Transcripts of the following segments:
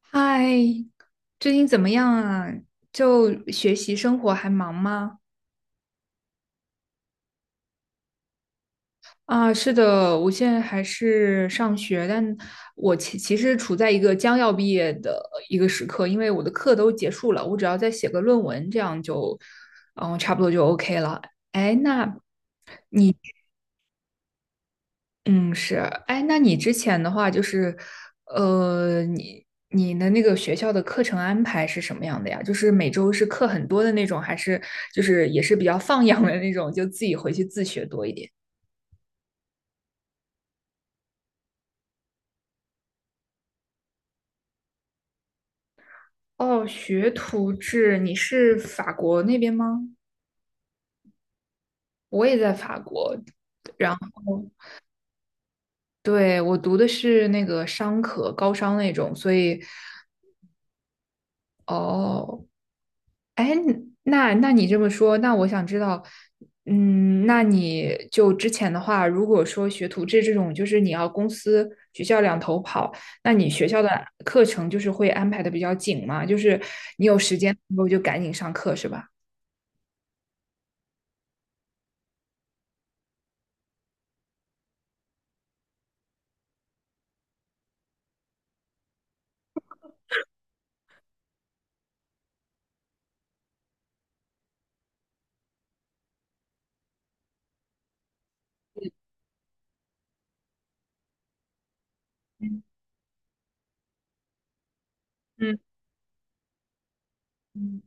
嗨，最近怎么样啊？就学习生活还忙吗？啊，是的，我现在还是上学，但我其实处在一个将要毕业的一个时刻，因为我的课都结束了，我只要再写个论文，这样就，差不多就 OK 了。哎，那你？嗯，是，哎，那你之前的话就是，你的那个学校的课程安排是什么样的呀？就是每周是课很多的那种，还是就是也是比较放养的那种，就自己回去自学多一点？哦，学徒制，你是法国那边吗？我也在法国，然后对，我读的是那个商科，高商那种，所以，哦，哎，那你这么说，那我想知道，嗯，那你就之前的话，如果说学徒制这种，就是你要公司、学校两头跑，那你学校的课程就是会安排的比较紧吗？就是你有时间的时候就赶紧上课，是吧？嗯嗯。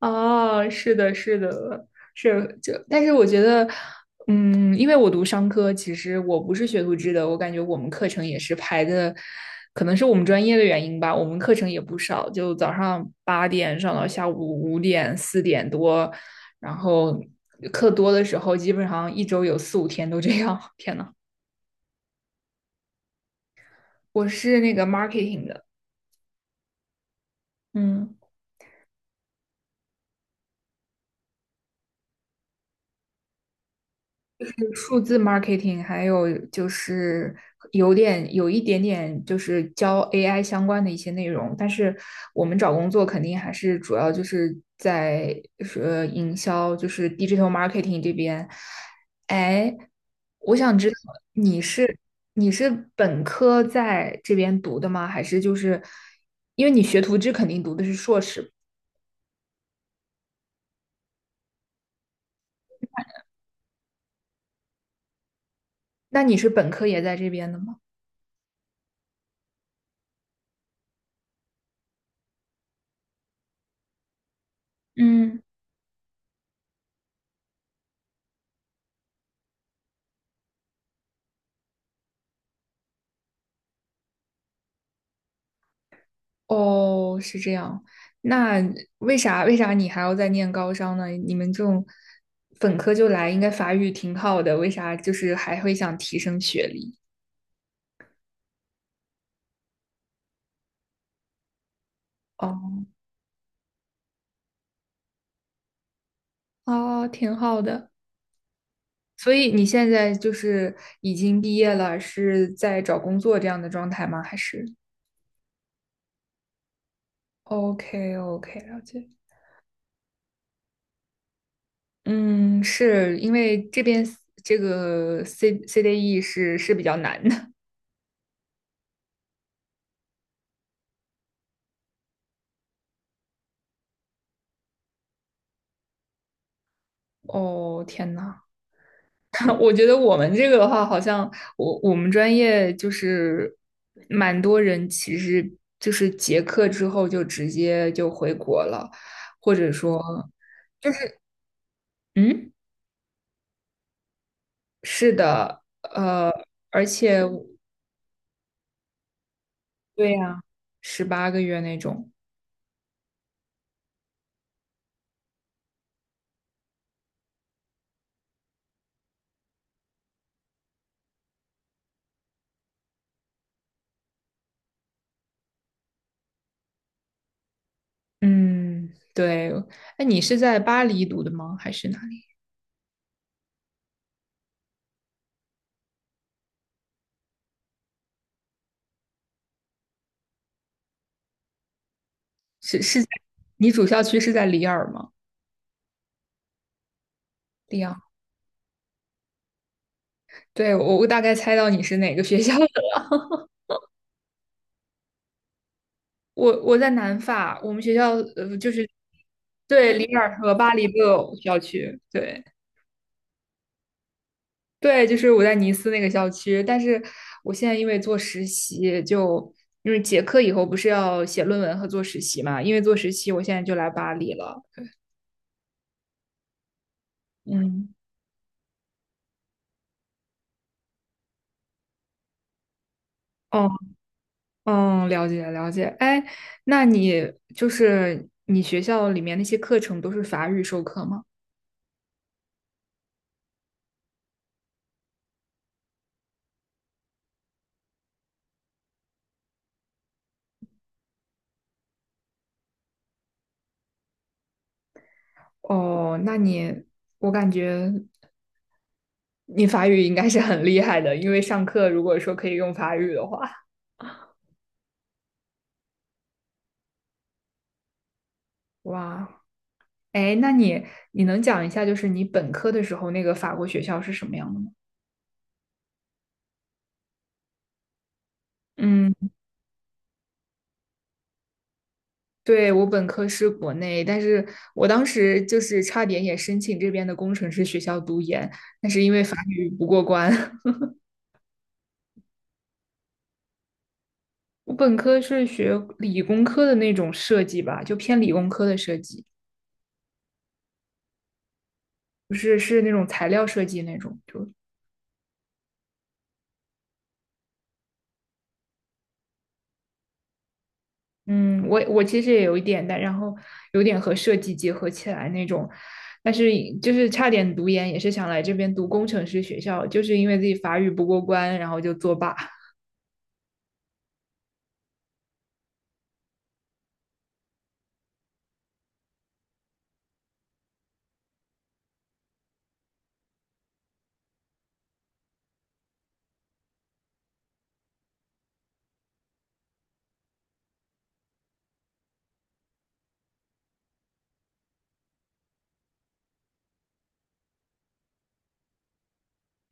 哦，是的，是的，是就，但是我觉得，嗯，因为我读商科，其实我不是学图制的，我感觉我们课程也是排的，可能是我们专业的原因吧，我们课程也不少，就早上八点上到下午五点四点多，然后课多的时候，基本上一周有四五天都这样。天呐，我是那个 marketing 的，嗯。数字 marketing,还有就是有一点点就是教 AI 相关的一些内容，但是我们找工作肯定还是主要就是在营销，就是 digital marketing 这边。哎，我想知道你是你是本科在这边读的吗？还是就是因为你学徒制肯定读的是硕士，那你是本科也在这边的吗？嗯，哦，是这样。那为啥你还要再念高商呢？你们这种本科就来，应该法语挺好的，为啥就是还会想提升学历？哦，啊，挺好的。所以你现在就是已经毕业了，是在找工作这样的状态吗？还是？OK OK,了解。嗯，是因为这边这个 CDE 是比较难的。哦，天呐。我觉得我们这个的话，好像我们专业就是蛮多人，其实就是结课之后就直接就回国了，或者说就是嗯，是的，而且 对呀，十八个月那种，嗯，对。那你是在巴黎读的吗？还是哪里？是是在你主校区是在里尔吗？里昂。对，我大概猜到你是哪个学校的。我在南法，我们学校就是对里尔和巴黎都有校区，对对，就是我在尼斯那个校区，但是我现在因为做实习就。因为结课以后不是要写论文和做实习嘛，因为做实习，我现在就来巴黎了。嗯，哦，嗯，了解了解。哎，那你就是你学校里面那些课程都是法语授课吗？哦，我感觉你法语应该是很厉害的，因为上课如果说可以用法语的话，哇，哎，那你能讲一下，就是你本科的时候那个法国学校是什么样的吗？嗯，对，我本科是国内，但是我当时就是差点也申请这边的工程师学校读研，但是因为法语不过关。我本科是学理工科的那种设计吧，就偏理工科的设计，不是是那种材料设计那种，就嗯，我其实也有一点的，然后有点和设计结合起来那种，但是就是差点读研，也是想来这边读工程师学校，就是因为自己法语不过关，然后就作罢。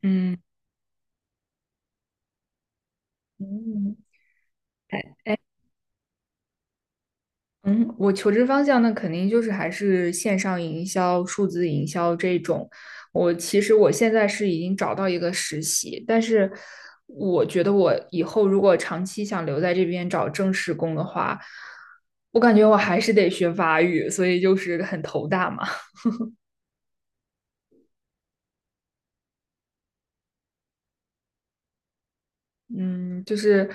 嗯嗯，哎哎嗯，我求职方向那肯定就是还是线上营销、数字营销这种。我其实我现在是已经找到一个实习，但是我觉得我以后如果长期想留在这边找正式工的话，我感觉我还是得学法语，所以就是很头大嘛。嗯，就是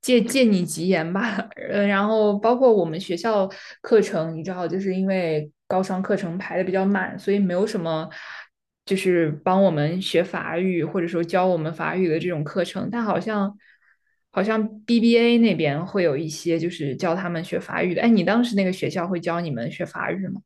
借借你吉言吧。然后包括我们学校课程，你知道，就是因为高商课程排的比较满，所以没有什么就是帮我们学法语或者说教我们法语的这种课程。但好像 BBA 那边会有一些就是教他们学法语的。哎，你当时那个学校会教你们学法语吗？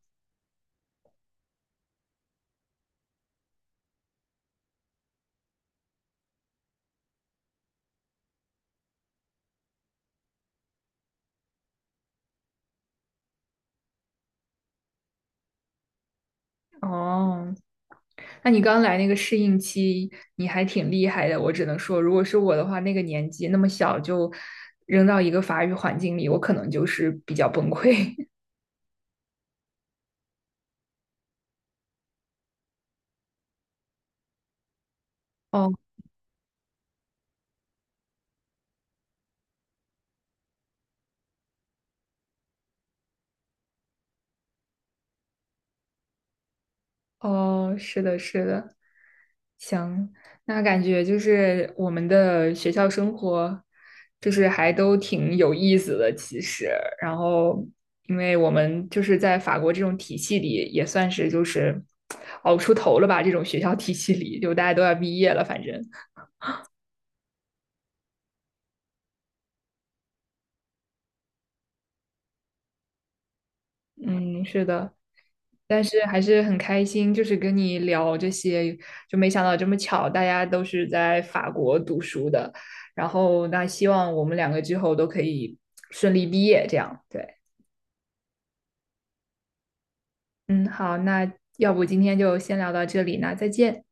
哦，那你刚来那个适应期，你还挺厉害的。我只能说，如果是我的话，那个年纪那么小就扔到一个法语环境里，我可能就是比较崩溃。哦哦，是的，是的，行。那感觉就是我们的学校生活，就是还都挺有意思的，其实。然后，因为我们就是在法国这种体系里，也算是就是 熬出头了吧。这种学校体系里，就大家都要毕业了，反正。嗯，是的，但是还是很开心，就是跟你聊这些，就没想到这么巧，大家都是在法国读书的，然后那希望我们两个之后都可以顺利毕业，这样，对，嗯，好，那要不今天就先聊到这里，那再见。